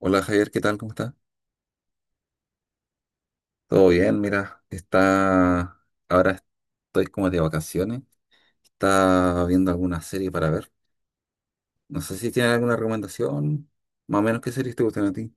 Hola Javier, ¿qué tal? ¿Cómo estás? Todo bien, mira, está... ahora estoy como de vacaciones. Está viendo alguna serie para ver. No sé si tienes alguna recomendación, más o menos qué series te gustan a ti.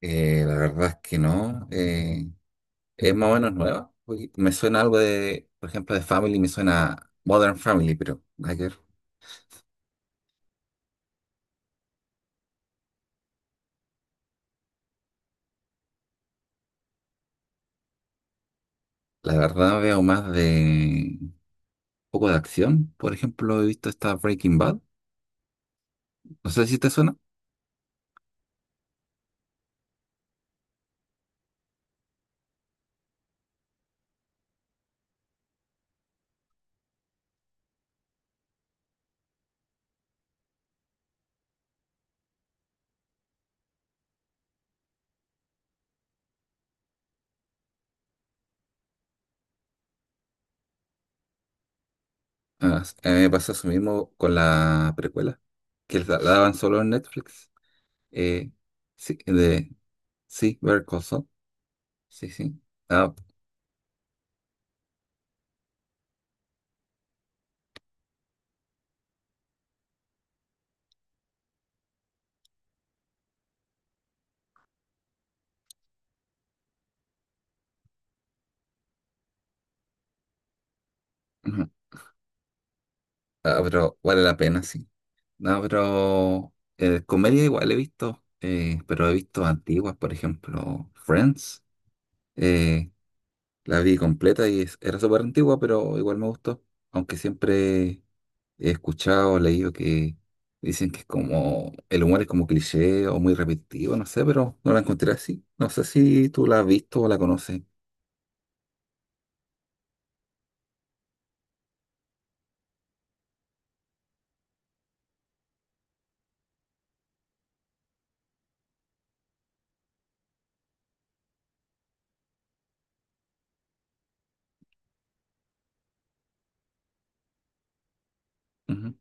La verdad es que no. Es más o menos nueva. Porque me suena algo de, por ejemplo, de Family, me suena Modern Family, pero nada que ver. La verdad veo más de un poco de acción. Por ejemplo, he visto esta Breaking Bad. No sé si te suena. Ah, a mí me pasó eso mismo con la precuela, que la daban solo en Netflix. Eh, sí, de, sí, Better Call Saul. Sí, sí. Ah, ujú. Ah, pero vale la pena, sí. No, pero comedia igual he visto, pero he visto antiguas, por ejemplo, Friends. eh, la vi completa y era súper antigua, pero igual me gustó, aunque siempre he escuchado, leído que dicen que es como, el humor es como cliché o muy repetitivo, no sé, pero no la encontré así. No sé si tú la has visto o la conoces. Ujú.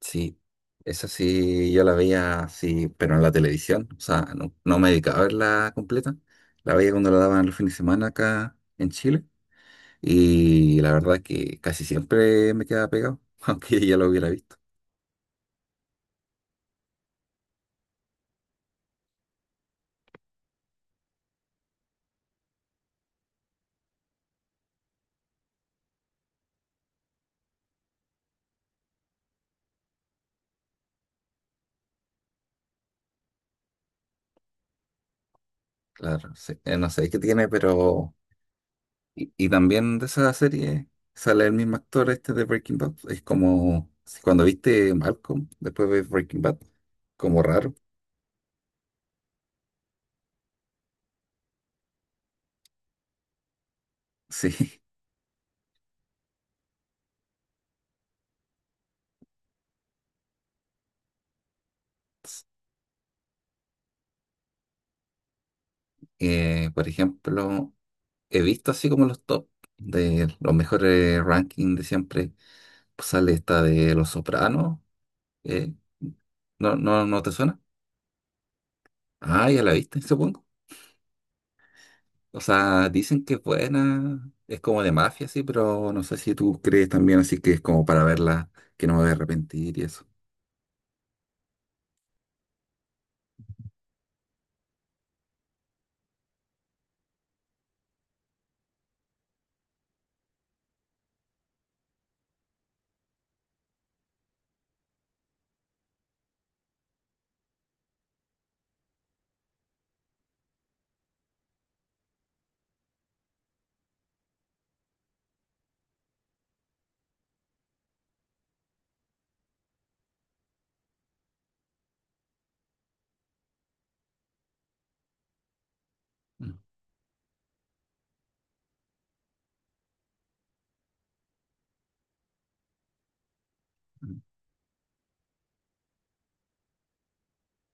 Sí, esa sí yo la veía así, pero en la televisión, o sea, no, no me dedicaba a verla completa. La veía cuando la daban los fines de semana acá en Chile y la verdad que casi siempre me quedaba pegado, aunque ya lo hubiera visto. Claro, sí. No sé qué tiene, pero y también de esa serie sale el mismo actor este de Breaking Bad. Es como si cuando viste Malcolm, después ves Breaking Bad, como raro. Sí. Por ejemplo, he visto así como los top de los mejores rankings de siempre. Pues sale esta de Los Sopranos. eh, no te suena? Ah, ya la viste, supongo. O sea, dicen que es buena, es como de mafia, sí, pero no sé si tú crees también así que es como para verla, que no me voy a arrepentir y eso.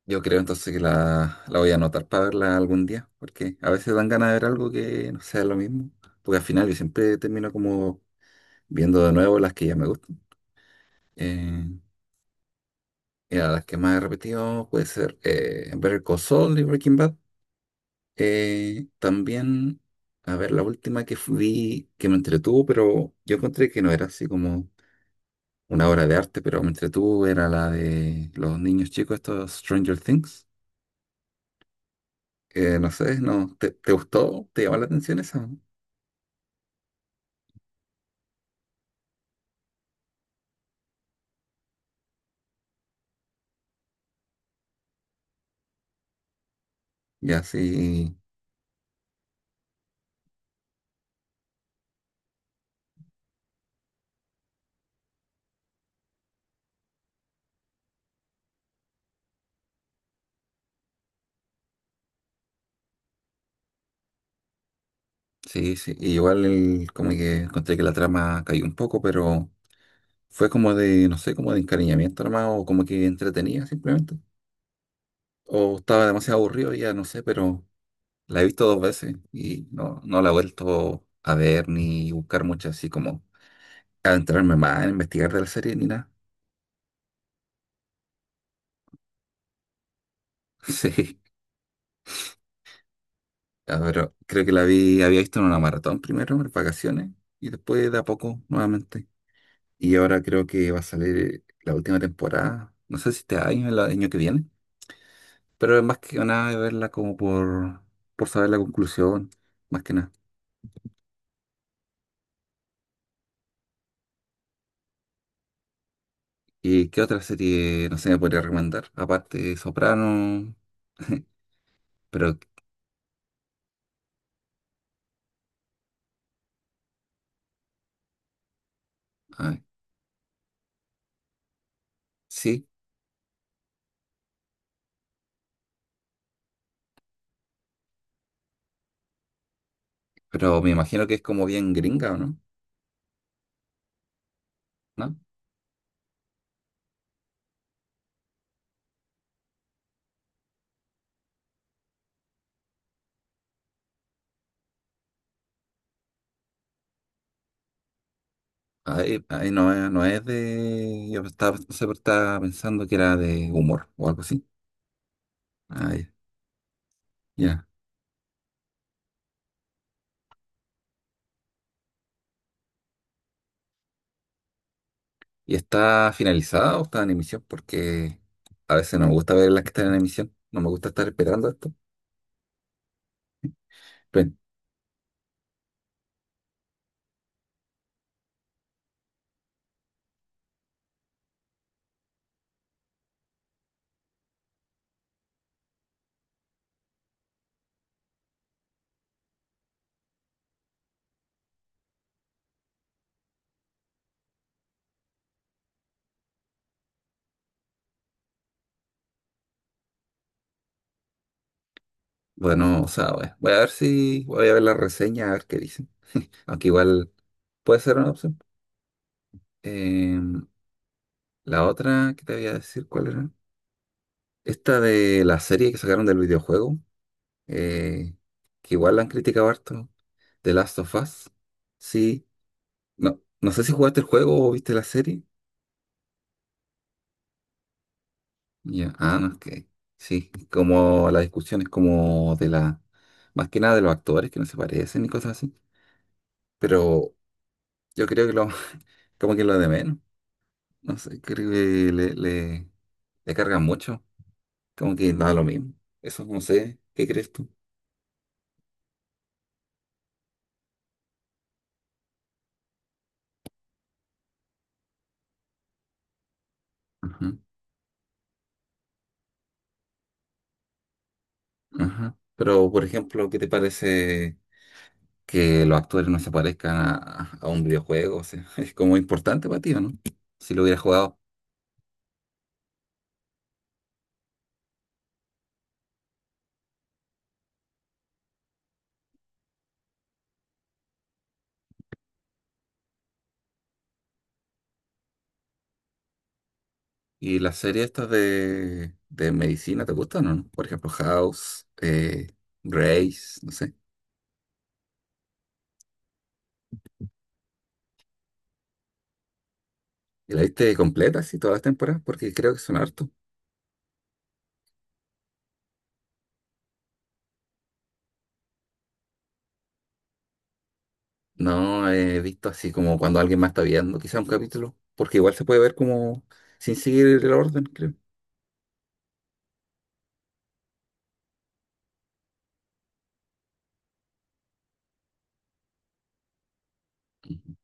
Yo creo entonces que la voy a anotar para verla algún día, porque a veces dan ganas de ver algo que no sea lo mismo, porque al final yo siempre termino como viendo de nuevo las que ya me gustan. Eh, Mira, las que más he repetido puede ser Better Call Saul y Breaking Bad. También, a ver, la última que vi que me entretuvo, pero yo encontré que no era así como una obra de arte, pero me entretuvo, era la de los niños chicos, estos Stranger Things. No sé, no, ¿te, te gustó? ¿Te llamó la atención esa? Ya, sí, sí, sí. Y igual como que encontré que la trama cayó un poco, pero fue como de, no sé, como de encariñamiento nomás, o como que entretenía simplemente. O estaba demasiado aburrido, ya no sé, pero la he visto dos veces y no, no la he vuelto a ver ni buscar mucho así como adentrarme más en investigar de la serie ni nada. Sí, ya, pero creo que la vi, había visto en una maratón primero, en vacaciones, y después de a poco nuevamente. Y ahora creo que va a salir la última temporada. No sé si este año o el año que viene. Pero es más que nada de verla como por saber la conclusión. Más que nada. ¿Y qué otra serie, no sé, me podría recomendar? Aparte de Soprano. Pero, ay, sí. Pero me imagino que es como bien gringa, ¿o no? ¿No? Ahí, ahí no, no es de... Yo estaba, no sé, pero estaba pensando que era de humor o algo así. Ay, ya. ¿Y está finalizada o está en emisión? Porque a veces no me gusta ver las que están en emisión. No me gusta estar esperando esto. Pero, bueno, o sea, voy a ver si voy a ver la reseña, a ver qué dicen. Aunque igual puede ser una opción. Eh, la otra que te voy a decir, ¿cuál era? Esta de la serie que sacaron del videojuego, eh, que igual la han criticado harto. The Last of Us. Sí. No, no sé si jugaste el juego o viste la serie. Ya, ah, no, es que sí, como la discusión es como de la, más que nada de los actores que no se parecen y cosas así, pero yo creo que lo, como que lo de menos, no sé, creo que le cargan mucho, como que da lo mismo, eso no sé, ¿qué crees tú? Ajá, ajá. Pero, por ejemplo, ¿qué te parece que los actores no se parezcan a un videojuego? O sea, es como importante para ti, ¿o no? Si lo hubieras jugado. ¿Y las series estas de medicina te gustan o no? Por ejemplo, House, Grace, no sé. ¿Y la viste completa así todas las temporadas? Porque creo que son harto. No he visto así como cuando alguien más está viendo quizá un capítulo, porque igual se puede ver como sin seguir el orden, creo. Ujú.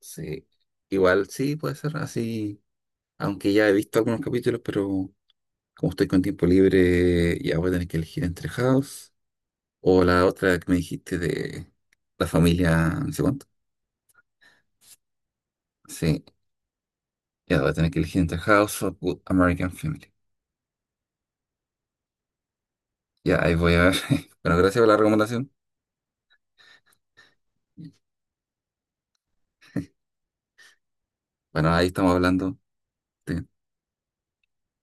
Sí, igual sí puede ser así, aunque ya he visto algunos capítulos, pero como estoy con tiempo libre, ya voy a tener que elegir entre House o la otra que me dijiste de la familia, no sé cuánto. Sí, ya voy a tener que elegir entre House of Good American Family. Ya, ahí voy a ver. Bueno, gracias por la recomendación. Bueno, ahí estamos hablando.